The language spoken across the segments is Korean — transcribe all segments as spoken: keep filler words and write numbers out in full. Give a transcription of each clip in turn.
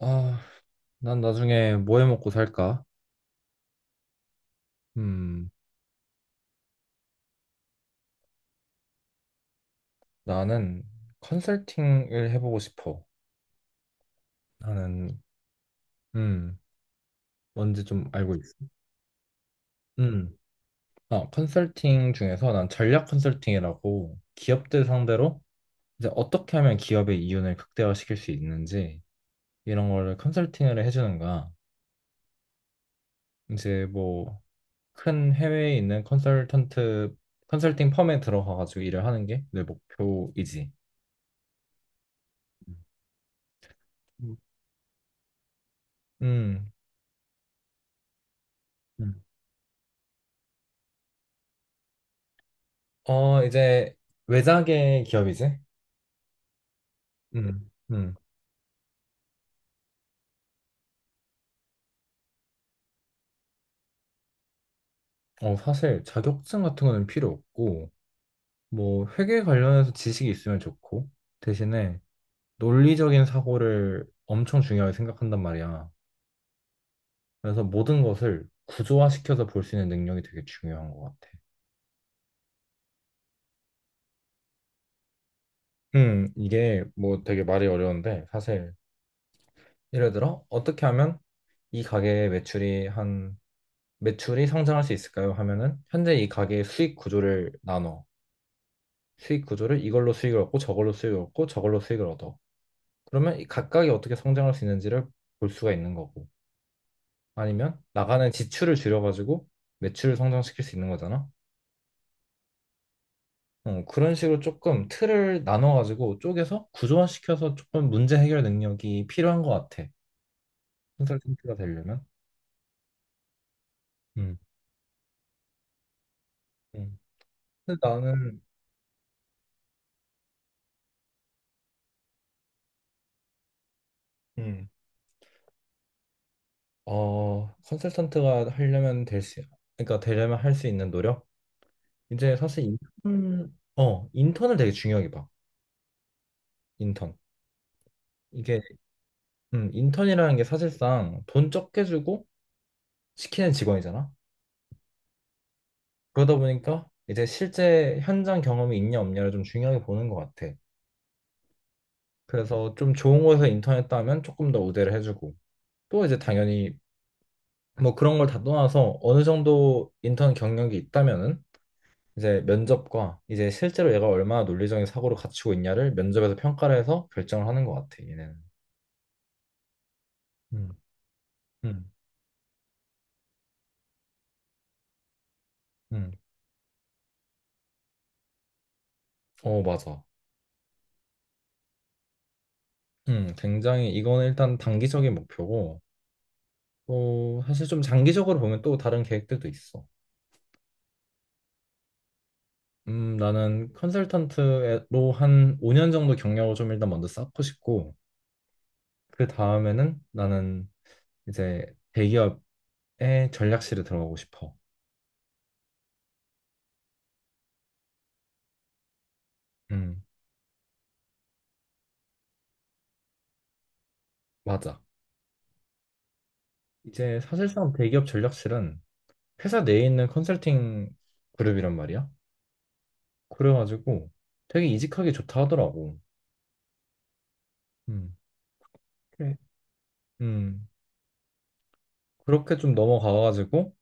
아, 난 나중에 뭐 해먹고 살까? 음, 나는 컨설팅을 해보고 싶어. 나는, 음, 뭔지 좀 알고 있어. 음, 아, 컨설팅 중에서 난 전략 컨설팅이라고 기업들 상대로 이제 어떻게 하면 기업의 이윤을 극대화시킬 수 있는지 이런 거를 컨설팅을 해주는 거야. 이제 뭐 큰 해외에 있는 컨설턴트, 컨설팅 펌에 들어가가지고 일을 하는 게 내 목표이지. 음, 음. 어, 이제 외자계 기업이지? 음, 음. 어, 사실 자격증 같은 거는 필요 없고, 뭐 회계 관련해서 지식이 있으면 좋고, 대신에 논리적인 사고를 엄청 중요하게 생각한단 말이야. 그래서 모든 것을 구조화시켜서 볼 수 있는 능력이 되게 중요한 것 같아. 음, 이게 뭐 되게 말이 어려운데, 사실 예를 들어 어떻게 하면 이 가게의 매출이 한 매출이 성장할 수 있을까요? 하면은 현재 이 가게의 수익 구조를 나눠. 수익 구조를 이걸로 수익을 얻고 저걸로 수익을 얻고 저걸로 수익을 얻어. 그러면 이 각각이 어떻게 성장할 수 있는지를 볼 수가 있는 거고. 아니면 나가는 지출을 줄여가지고 매출을 성장시킬 수 있는 거잖아. 어, 그런 식으로 조금 틀을 나눠가지고 쪼개서 구조화시켜서 조금 문제 해결 능력이 필요한 것 같아. 컨설턴트가 되려면. 음. 음. 근데 나는 음. 어, 컨설턴트가 하려면 될 수, 그러니까 되려면 할 수 있는 노력? 이제 사실 인턴, 어, 인턴을 되게 중요하게 봐. 인턴. 이게 음, 인턴이라는 게 사실상 돈 적게 주고 시키는 직원이잖아. 그러다 보니까 이제 실제 현장 경험이 있냐 없냐를 좀 중요하게 보는 것 같아. 그래서 좀 좋은 곳에서 인턴했다 하면 조금 더 우대를 해주고 또 이제 당연히 뭐 그런 걸 다 떠나서 어느 정도 인턴 경력이 있다면은 이제 면접과 이제 실제로 얘가 얼마나 논리적인 사고를 갖추고 있냐를 면접에서 평가를 해서 결정을 하는 것 같아. 얘네는. 음, 음, 음. 어, 맞아. 음, 굉장히 이거는 일단 단기적인 목표고 또 사실 좀 장기적으로 보면 또 다른 계획들도 있어. 음, 나는 컨설턴트로 한 오 년 정도 경력을 좀 일단 먼저 쌓고 싶고 그 다음에는 나는 이제 대기업의 전략실에 들어가고 싶어. 음, 맞아. 이제 사실상 대기업 전략실은 회사 내에 있는 컨설팅 그룹이란 말이야. 그래가지고 되게 이직하기 좋다 하더라고. 음. 그래. 음, 그렇게 좀 넘어가가지고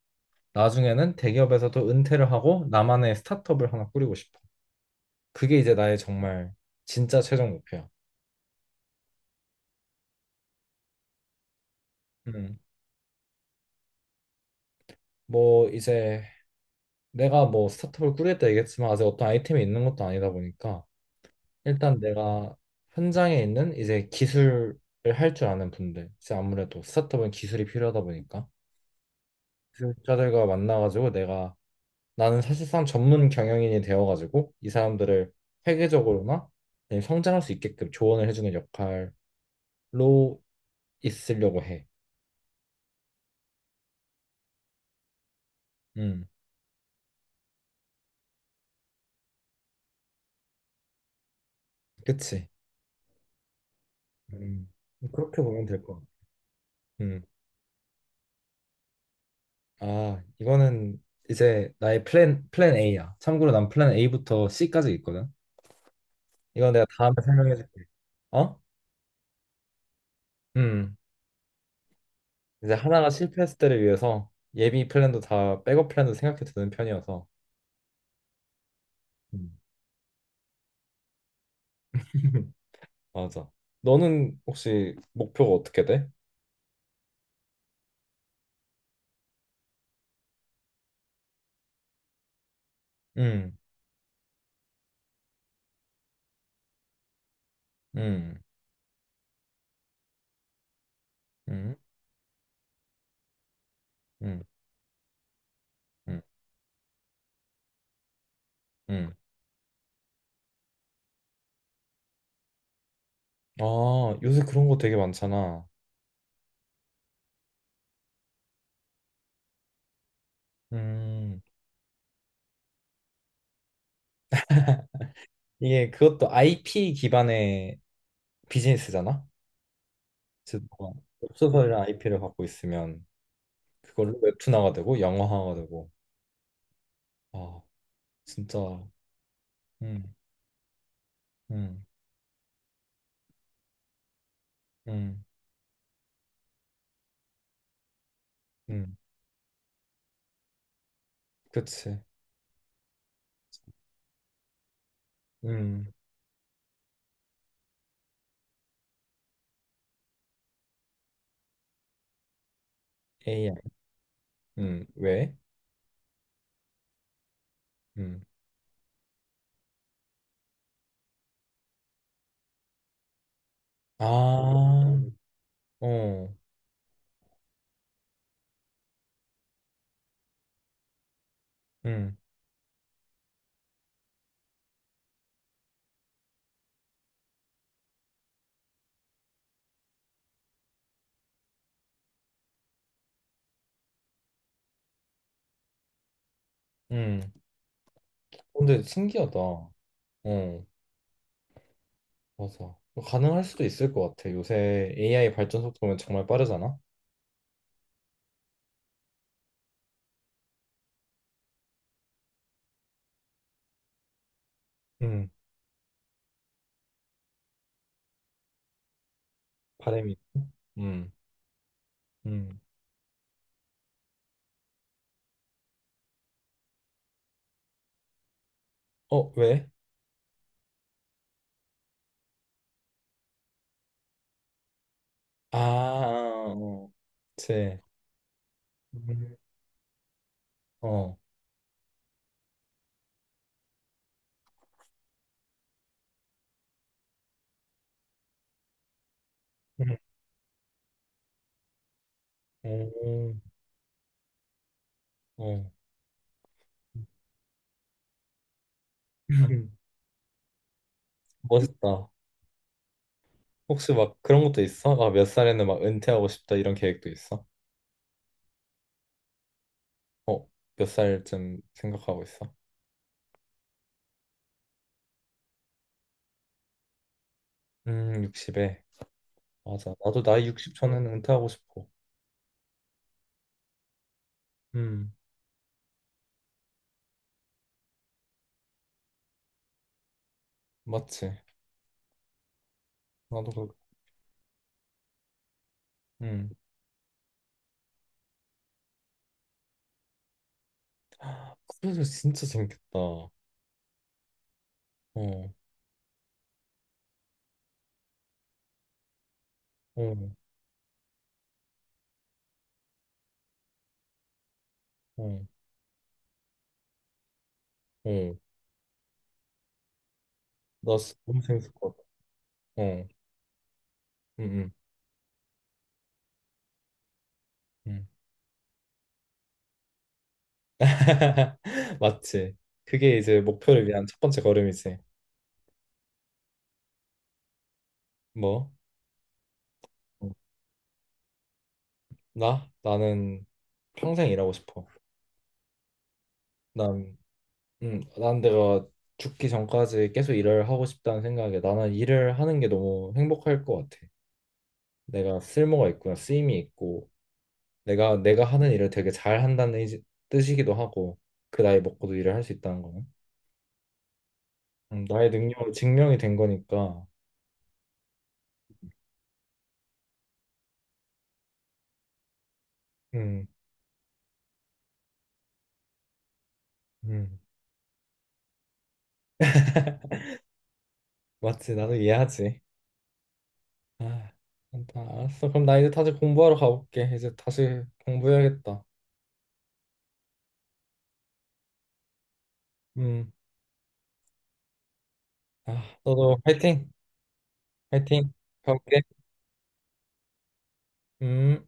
나중에는 대기업에서도 은퇴를 하고 나만의 스타트업을 하나 꾸리고 싶어. 그게 이제 나의 정말 진짜 최종 목표야. 음. 뭐 이제 내가 뭐 스타트업을 꾸리겠다 얘기했지만 아직 어떤 아이템이 있는 것도 아니다 보니까 일단 내가 현장에 있는 이제 기술을 할 줄 아는 분들, 이제 아무래도 스타트업은 기술이 필요하다 보니까 기술자들과 만나가지고 내가 나는 사실상 전문 경영인이 되어가지고 이 사람들을 회계적으로나 아니면 성장할 수 있게끔 조언을 해주는 역할로 있으려고 해. 음, 그치. 음, 그렇게 보면 될 것 같아. 음, 아, 이거는 이제 나의 플랜, 플랜 A야. 참고로 난 플랜 A부터 C까지 있거든. 이건 내가 다음에 설명해 줄게. 어? 음, 이제 하나가 실패했을 때를 위해서 예비 플랜도 다 백업 플랜도 생각해 두는 편이어서. 음, 맞아. 너는 혹시 목표가 어떻게 돼? 음, 음, 음, 음, 음, 음. 아, 요새 그런 거 되게 많잖아. 음. 이게 그것도 아이피 기반의 비즈니스잖아. 그래서 뭔가 웹소설이랑 아이피를 갖고 있으면 그걸로 웹툰화가 되고 영화화가 되고. 아 진짜. 음, 음, 음, 음. 그치. 음, 에이아이. 음, 왜? 음. 아, 어, 음, 음. 근데 신기하다. 어, 맞아. 가능할 수도 있을 것 같아. 요새 에이아이 발전 속도면 정말 빠르잖아. 음, 바람이. 있고. 음, 음. 어, 왜? 아, 아, 어, 제, 음, 어, 음. 음, 어, 음. 멋있다. 혹시 막 그런 것도 있어? 막 몇 살에는 막 은퇴하고 싶다 이런 계획도 있어? 어, 몇 살쯤 생각하고 있어? 음, 육십에. 맞아. 나도 나이 육십 전에는 은퇴하고 싶어. 음, 맞지. 나도 그, 음. 크루즈 진짜 재밌겠다. 어, 어, 어, 어. 나 진- 너무 재밌을 것 같아. 어, 음, 음. 음. 맞지. 그게 이제 목표를 위한 첫 번째 걸음이지. 뭐? 어, 나? 나는 평생 일하고 싶어. 난, 음, 난 내가 죽기 전까지 계속 일을 하고 싶다는 생각에 나는 일을 하는 게 너무 행복할 것 같아. 내가 쓸모가 있구나, 쓰임이 있고, 내가 내가 하는 일을 되게 잘 한다는 의지- 뜻이기도 하고, 그 나이 먹고도 일을 할 수 있다는 거는. 음, 나의 능력으로 증명이 된 거니까. 음, 음, 맞지. 나도 이해하지. 아, 일단 알았어. 그럼 나 이제 다시 공부하러 가볼게. 이제 다시 공부해야겠다. 음. 아, 너도 화이팅! 화이팅! 가볼게. 음.